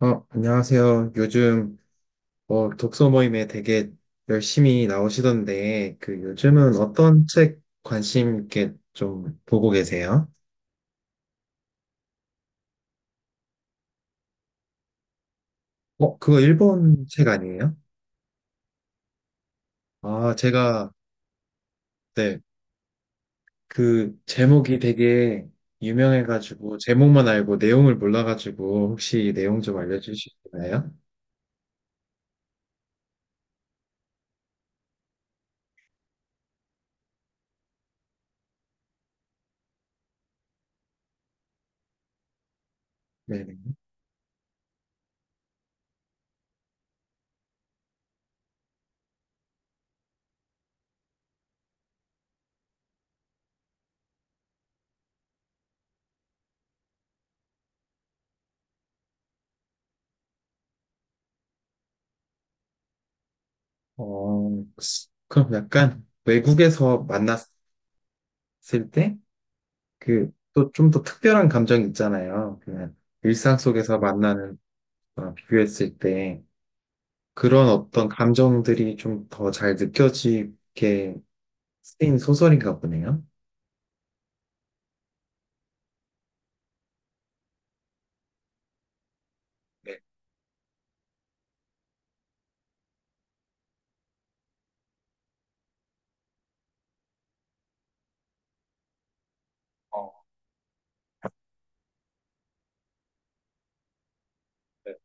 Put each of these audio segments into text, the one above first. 어, 안녕하세요. 요즘 독서 모임에 되게 열심히 나오시던데, 요즘은 어떤 책 관심 있게 좀 보고 계세요? 어, 그거 일본 책 아니에요? 아, 제가, 네, 그 제목이 되게 유명해가지고, 제목만 알고 내용을 몰라가지고, 혹시 내용 좀 알려주시나요? 네네. 어, 그럼 약간 외국에서 만났을 때? 그, 또 좀 더 특별한 감정 이 있잖아요. 그냥 일상 속에서 만나는 거랑 비교했을 때 그런 어떤 감정들이 좀 더 잘 느껴지게 쓰인 소설인가 보네요. 네. 어, 네.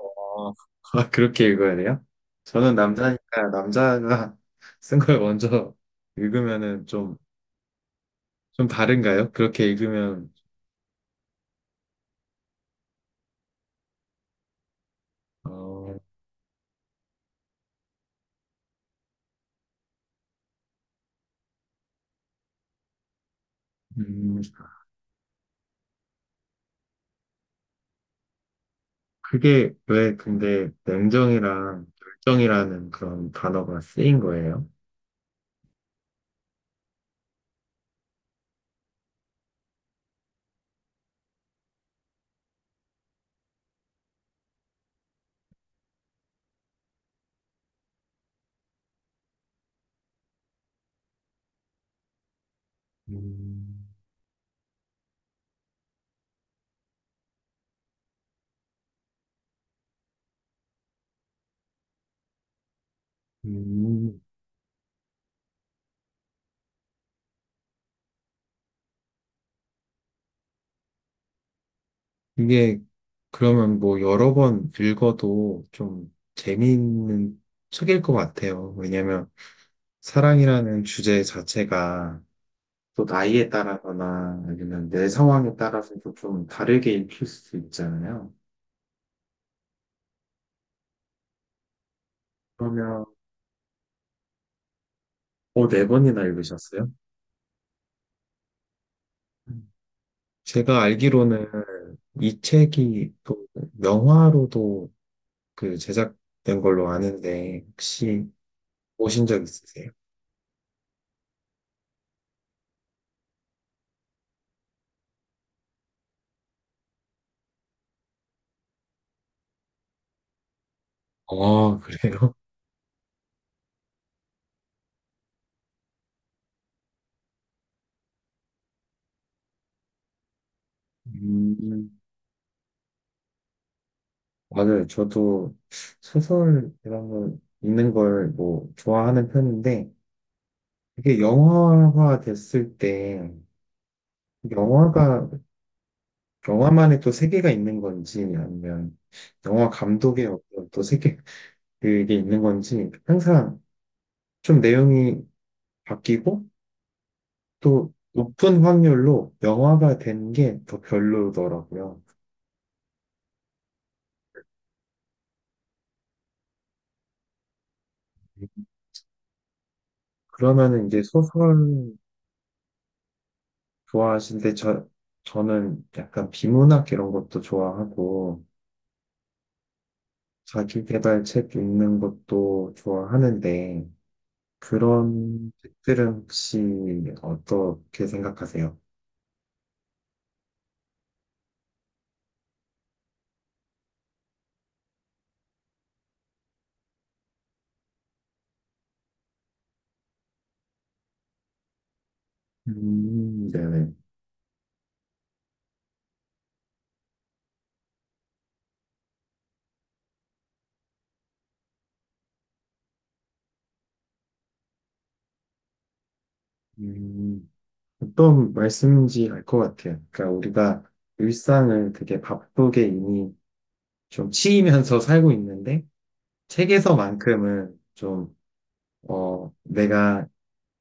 어, 아, 그렇게 읽어야 돼요? 저는 남자니까 남자가 쓴 걸 먼저 읽으면은 좀, 좀 다른가요? 그렇게 읽으면, 어, 음, 그게 왜 근데 냉정이랑 결정이라는 그런 단어가 쓰인 거예요? 음, 음, 이게 그러면 뭐 여러 번 읽어도 좀 재미있는 책일 것 같아요. 왜냐면 사랑이라는 주제 자체가 또 나이에 따라서나 아니면 내 상황에 따라서도 좀 다르게 읽힐 수 있잖아요. 그러면 어, 네 번이나 읽으셨어요? 음. 제가 알기로는 이 책이 또 영화로도 그 제작된 걸로 아는데 혹시 보신 적 있으세요? 아, 그래요? 음, 맞아요. 저도 소설 이런 거 읽는 걸 뭐 좋아하는 편인데 이게 영화화 됐을 때 영화가 영화만의 또 세계가 있는 건지 아니면 영화 감독의 어떤 또 세계 그게 있는 건지 항상 좀 내용이 바뀌고 또 높은 확률로 영화가 된 게 더 별로더라고요. 그러면은 이제 소설 좋아하시는데 저는 약간 비문학 이런 것도 좋아하고 자기계발 책 읽는 것도 좋아하는데 그런 책들은 혹시 어떻게 생각하세요? 네네. 음, 어떤 말씀인지 알 것 같아요. 그러니까 우리가 일상을 되게 바쁘게 이미 좀 치이면서 살고 있는데 책에서만큼은 좀 어, 내가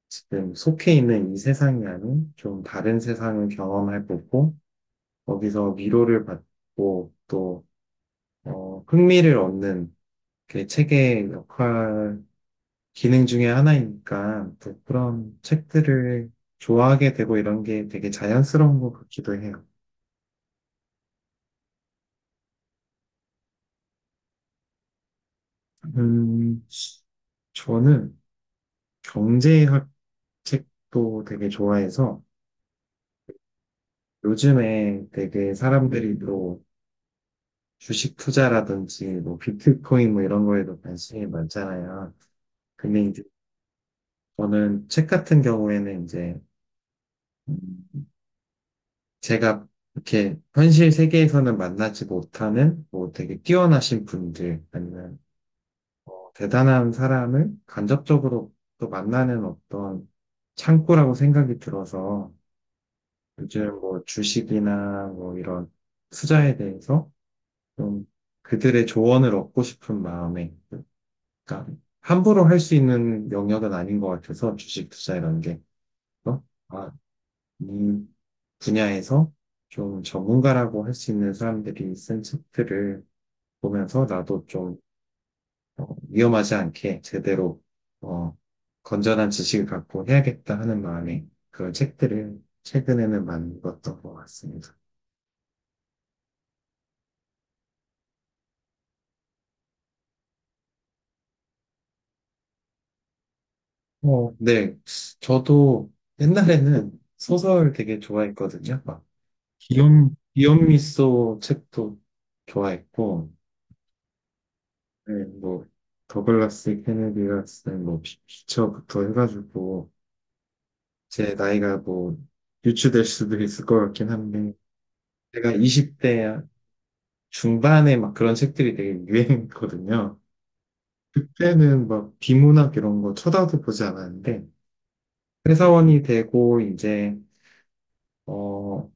지금 속해 있는 이 세상이랑은 좀 다른 세상을 경험해 보고 거기서 위로를 받고 또 어, 흥미를 얻는 그 책의 역할 기능 중에 하나이니까 또 그런 책들을 좋아하게 되고 이런 게 되게 자연스러운 것 같기도 해요. 음, 저는 경제학 책도 되게 좋아해서 요즘에 되게 사람들이 또 주식 투자라든지 뭐 비트코인 뭐 이런 거에도 관심이 많잖아요. 근데 이제 저는 책 같은 경우에는 이제 음, 제가 이렇게 현실 세계에서는 만나지 못하는 뭐 되게 뛰어나신 분들 아니면 뭐 대단한 사람을 간접적으로 또 만나는 어떤 창구라고 생각이 들어서 요즘 뭐 주식이나 뭐 이런 투자에 대해서 좀 그들의 조언을 얻고 싶은 마음에 그러니까 함부로 할 수 있는 영역은 아닌 것 같아서 주식 투자라는 게. 어? 아, 이 분야에서 좀 전문가라고 할 수 있는 사람들이 쓴 책들을 보면서 나도 좀 어, 위험하지 않게 제대로 어, 건전한 지식을 갖고 해야겠다 하는 마음에 그런 책들을 최근에는 많이 읽었던 것 같습니다. 어, 네. 저도 옛날에는 소설 되게 좋아했거든요. 막 기욤미소 책도 좋아했고, 네, 뭐, 더글라스 케네디가 쓴 뭐, 피처부터 해가지고, 제 나이가 뭐, 유추될 수도 있을 것 같긴 한데, 제가 20대 중반에 막 그런 책들이 되게 유행했거든요. 그때는 막 비문학 이런 거 쳐다도 보지 않았는데, 회사원이 되고, 이제, 어,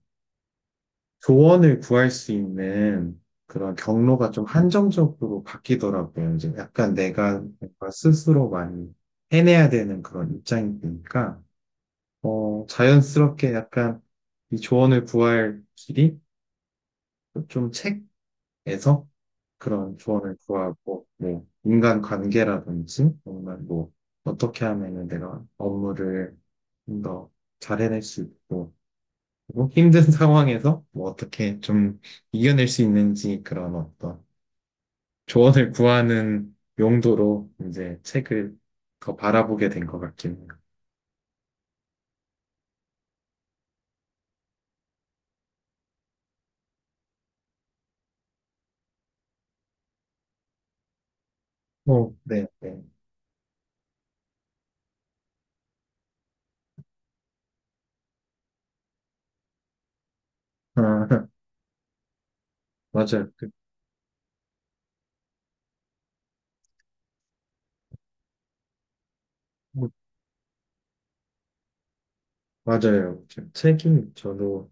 조언을 구할 수 있는 그런 경로가 좀 한정적으로 바뀌더라고요. 이제 약간 내가 뭔가 스스로 많이 해내야 되는 그런 입장이 되니까, 어, 자연스럽게 약간 이 조언을 구할 길이 좀 책에서 그런 조언을 구하고, 뭐, 인간 관계라든지, 정말 뭐, 어떻게 하면은 내가 업무를 좀 더 잘 해낼 수 있고, 뭐 힘든 상황에서 뭐 어떻게 좀 이겨낼 수 있는지 그런 어떤 조언을 구하는 용도로 이제 책을 더 바라보게 된 것 같긴 해요. 어, 네, 네. 아, 맞아요. 그, 뭐, 맞아요. 저- 책이 저도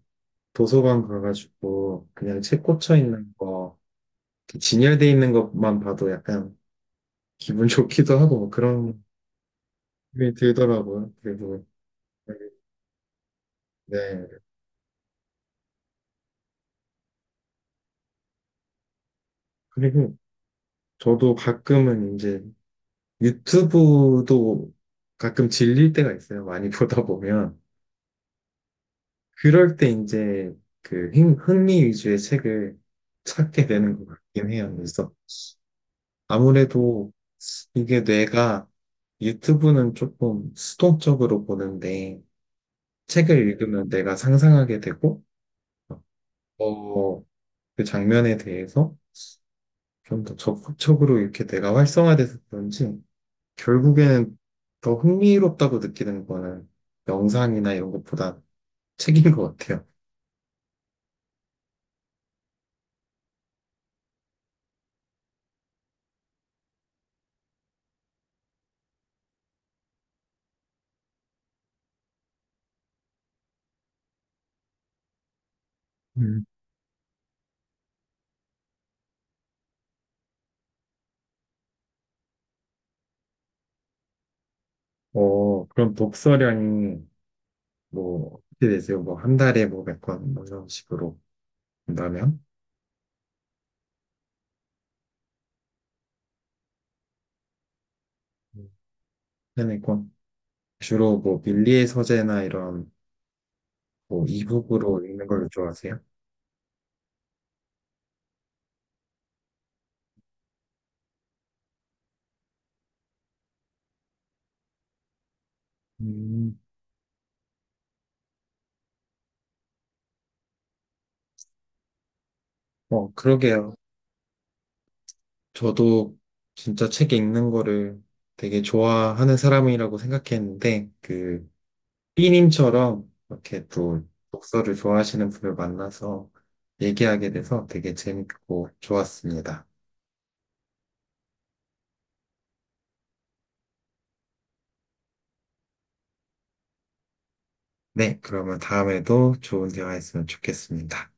도서관 가가지고 그냥 책 꽂혀 있는 거, 이렇게 진열돼 있는 것만 봐도 약간 기분 좋기도 하고 뭐 그런 기분이 들더라고요. 그리고, 네. 그리고 저도 가끔은 이제 유튜브도 가끔 질릴 때가 있어요. 많이 보다 보면. 그럴 때 이제 그 흥미 위주의 책을 찾게 되는 것 같긴 해요. 그래서 아무래도 이게 뇌가 유튜브는 조금 수동적으로 보는데 책을 읽으면 내가 상상하게 되고 어, 그 장면에 대해서 좀 더 적극적으로 이렇게 내가 활성화돼서 그런지 결국에는 더 흥미롭다고 느끼는 거는 영상이나 이런 것보다 책인 것 같아요. 음. 어, 그럼 독서량이 뭐, 어떻게 되세요? 뭐, 한 달에 뭐, 몇 권, 뭐 이런 식으로 본다면? 음. 네네 권. 주로 뭐, 밀리의 서재나 이런, 뭐, 이북으로 읽는 걸 좋아하세요? 음. 어, 그러게요. 저도 진짜 책 읽는 거를 되게 좋아하는 사람이라고 생각했는데, 그, B님처럼 이렇게 또 독서를 좋아하시는 분을 만나서 얘기하게 돼서 되게 재밌고 좋았습니다. 네, 그러면 다음에도 좋은 대화했으면 좋겠습니다.